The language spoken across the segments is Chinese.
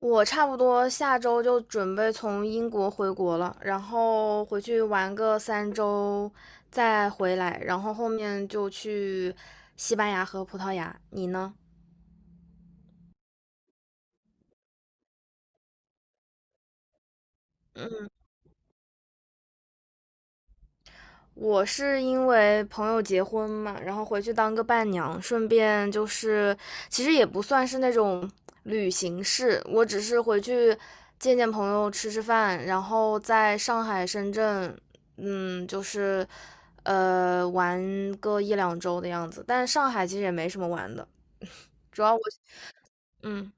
我差不多下周就准备从英国回国了，然后回去玩个3周，再回来，然后后面就去西班牙和葡萄牙。你呢？嗯。我是因为朋友结婚嘛，然后回去当个伴娘，顺便就是，其实也不算是那种旅行式，我只是回去见见朋友，吃吃饭，然后在上海、深圳，就是，玩个一两周的样子。但是上海其实也没什么玩的，主要我，嗯。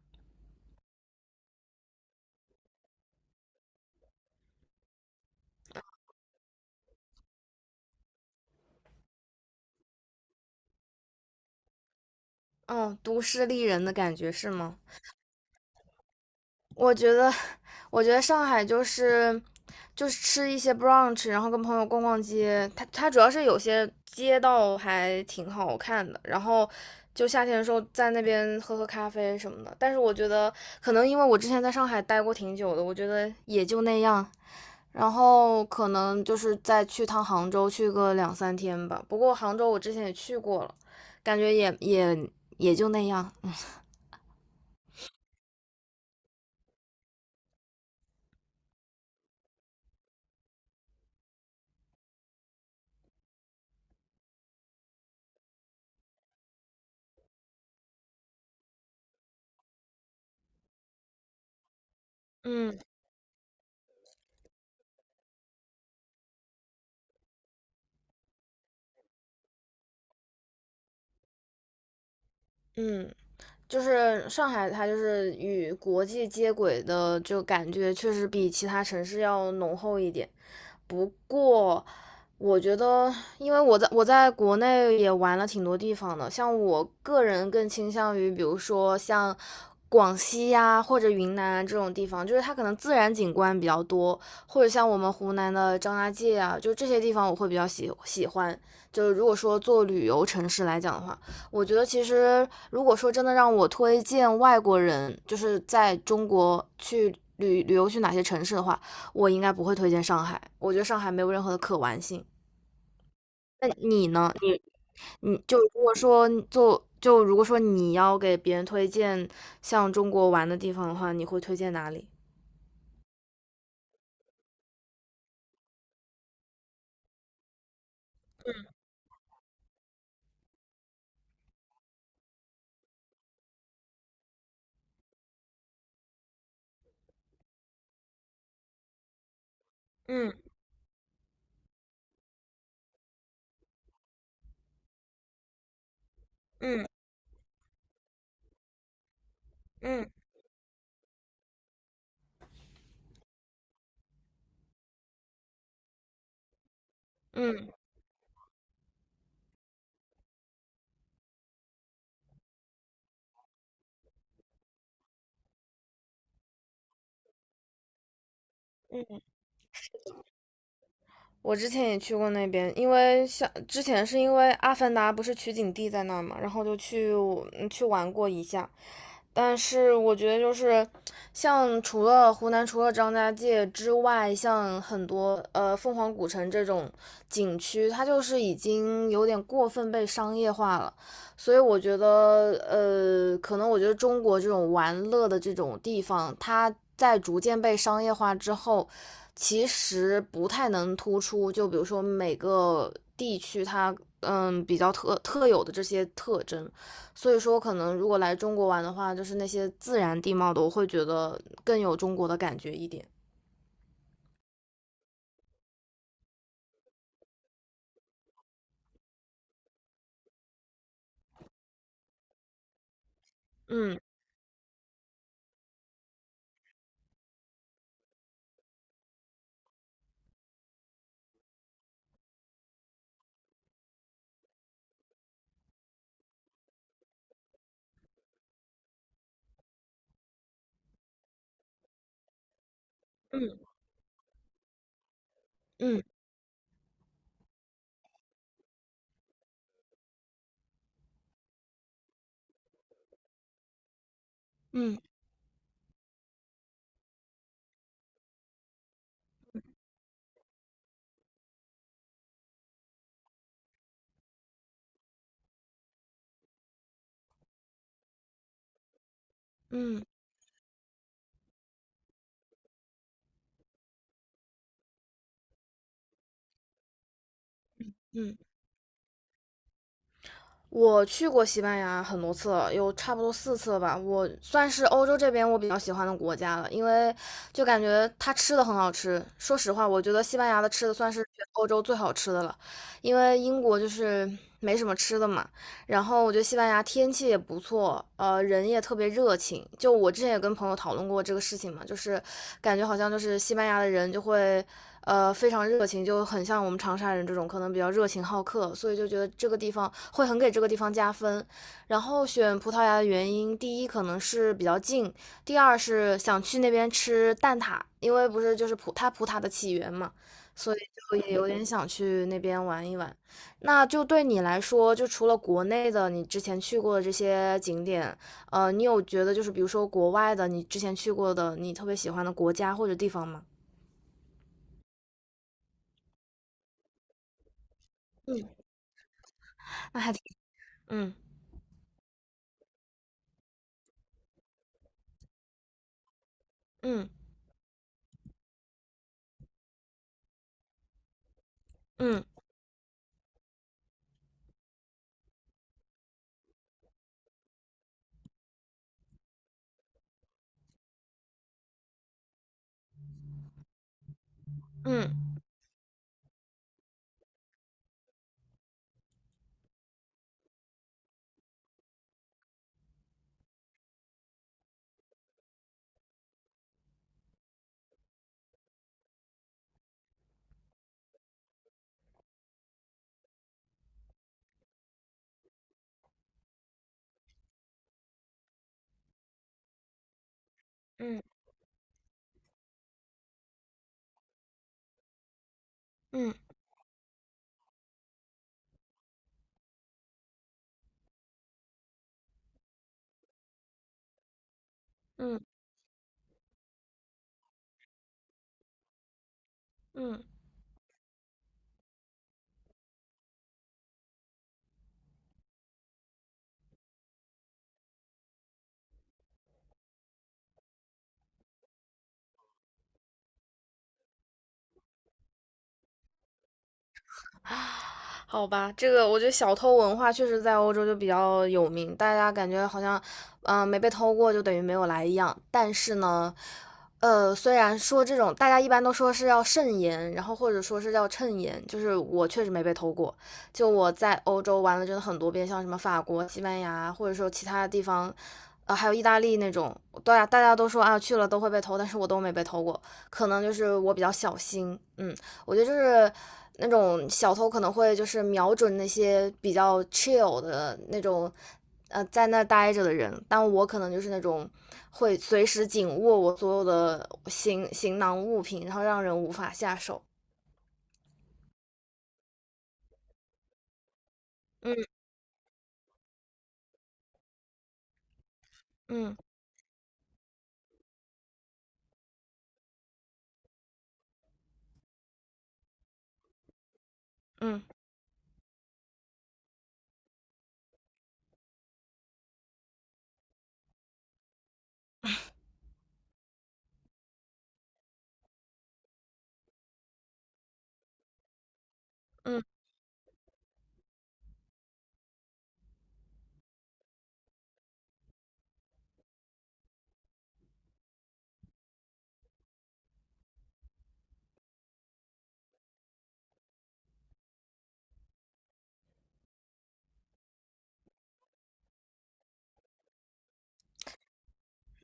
哦，都市丽人的感觉是吗？我觉得，我觉得，上海就是吃一些 brunch，然后跟朋友逛逛街。它主要是有些街道还挺好看的，然后就夏天的时候在那边喝喝咖啡什么的。但是我觉得，可能因为我之前在上海待过挺久的，我觉得也就那样。然后可能就是再去趟杭州，去个两三天吧。不过杭州我之前也去过了，感觉也就那样。嗯嗯。就是上海，它就是与国际接轨的，就感觉确实比其他城市要浓厚一点。不过，我觉得，因为我在国内也玩了挺多地方的，像我个人更倾向于，比如说像广西呀、或者云南啊这种地方，就是它可能自然景观比较多，或者像我们湖南的张家界啊，就这些地方我会比较喜欢。就是如果说做旅游城市来讲的话，我觉得其实如果说真的让我推荐外国人，就是在中国去旅游去哪些城市的话，我应该不会推荐上海。我觉得上海没有任何的可玩性。那你呢？你就如果说你要给别人推荐像中国玩的地方的话，你会推荐哪里？嗯嗯嗯嗯。嗯。我之前也去过那边，因为像之前是因为《阿凡达》不是取景地在那儿嘛，然后就去玩过一下。但是我觉得就是，像除了湖南除了张家界之外，像很多凤凰古城这种景区，它就是已经有点过分被商业化了。所以我觉得，可能我觉得中国这种玩乐的这种地方，它在逐渐被商业化之后，其实不太能突出。就比如说每个地区它，比较特有的这些特征。所以说，可能如果来中国玩的话，就是那些自然地貌的，我会觉得更有中国的感觉一点。嗯嗯嗯嗯嗯。我去过西班牙很多次了，有差不多4次了吧。我算是欧洲这边我比较喜欢的国家了，因为就感觉它吃的很好吃。说实话，我觉得西班牙的吃的算是全欧洲最好吃的了，因为英国就是没什么吃的嘛。然后我觉得西班牙天气也不错，人也特别热情。就我之前也跟朋友讨论过这个事情嘛，就是感觉好像就是西班牙的人就会，非常热情，就很像我们长沙人这种可能比较热情好客，所以就觉得这个地方会很给这个地方加分。然后选葡萄牙的原因，第一可能是比较近，第二是想去那边吃蛋挞，因为不是就是葡挞的起源嘛，所以就也有点想去那边玩一玩。那就对你来说，就除了国内的你之前去过的这些景点，你有觉得就是比如说国外的你之前去过的你特别喜欢的国家或者地方吗？嗯，那还挺，嗯嗯嗯嗯嗯嗯嗯嗯嗯。嗯嗯。 啊，好吧，这个我觉得小偷文化确实在欧洲就比较有名，大家感觉好像，没被偷过就等于没有来一样。但是呢，虽然说这种大家一般都说是要慎言，然后或者说是要趁言，就是我确实没被偷过。就我在欧洲玩了真的很多遍，像什么法国、西班牙，或者说其他地方，还有意大利那种，大家都说啊去了都会被偷，但是我都没被偷过，可能就是我比较小心，嗯。我觉得就是那种小偷可能会就是瞄准那些比较 chill 的那种，在那待着的人，但我可能就是那种会随时紧握我所有的行囊物品，然后让人无法下手。嗯嗯嗯嗯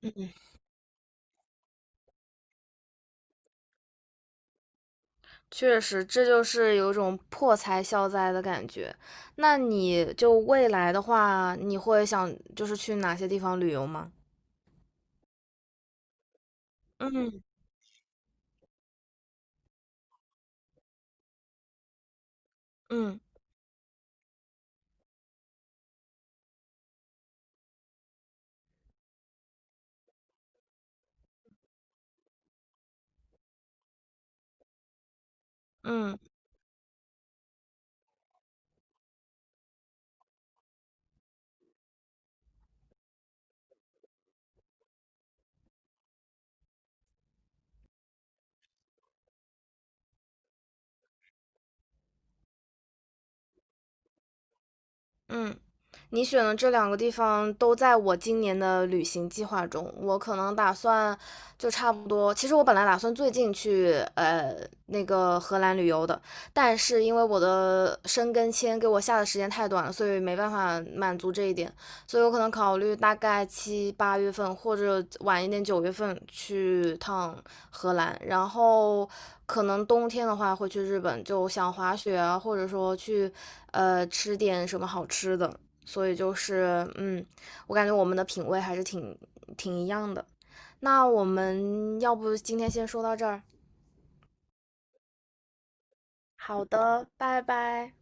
嗯嗯。确实，这就是有一种破财消灾的感觉。那你就未来的话，你会想就是去哪些地方旅游吗？嗯嗯嗯。嗯，你选的这两个地方都在我今年的旅行计划中。我可能打算就差不多，其实我本来打算最近去那个荷兰旅游的，但是因为我的申根签给我下的时间太短了，所以没办法满足这一点。所以我可能考虑大概七八月份或者晚一点9月份去趟荷兰，然后可能冬天的话会去日本，就想滑雪啊，或者说去吃点什么好吃的。所以就是我感觉我们的品味还是挺一样的。那我们要不今天先说到这儿？好的，拜拜。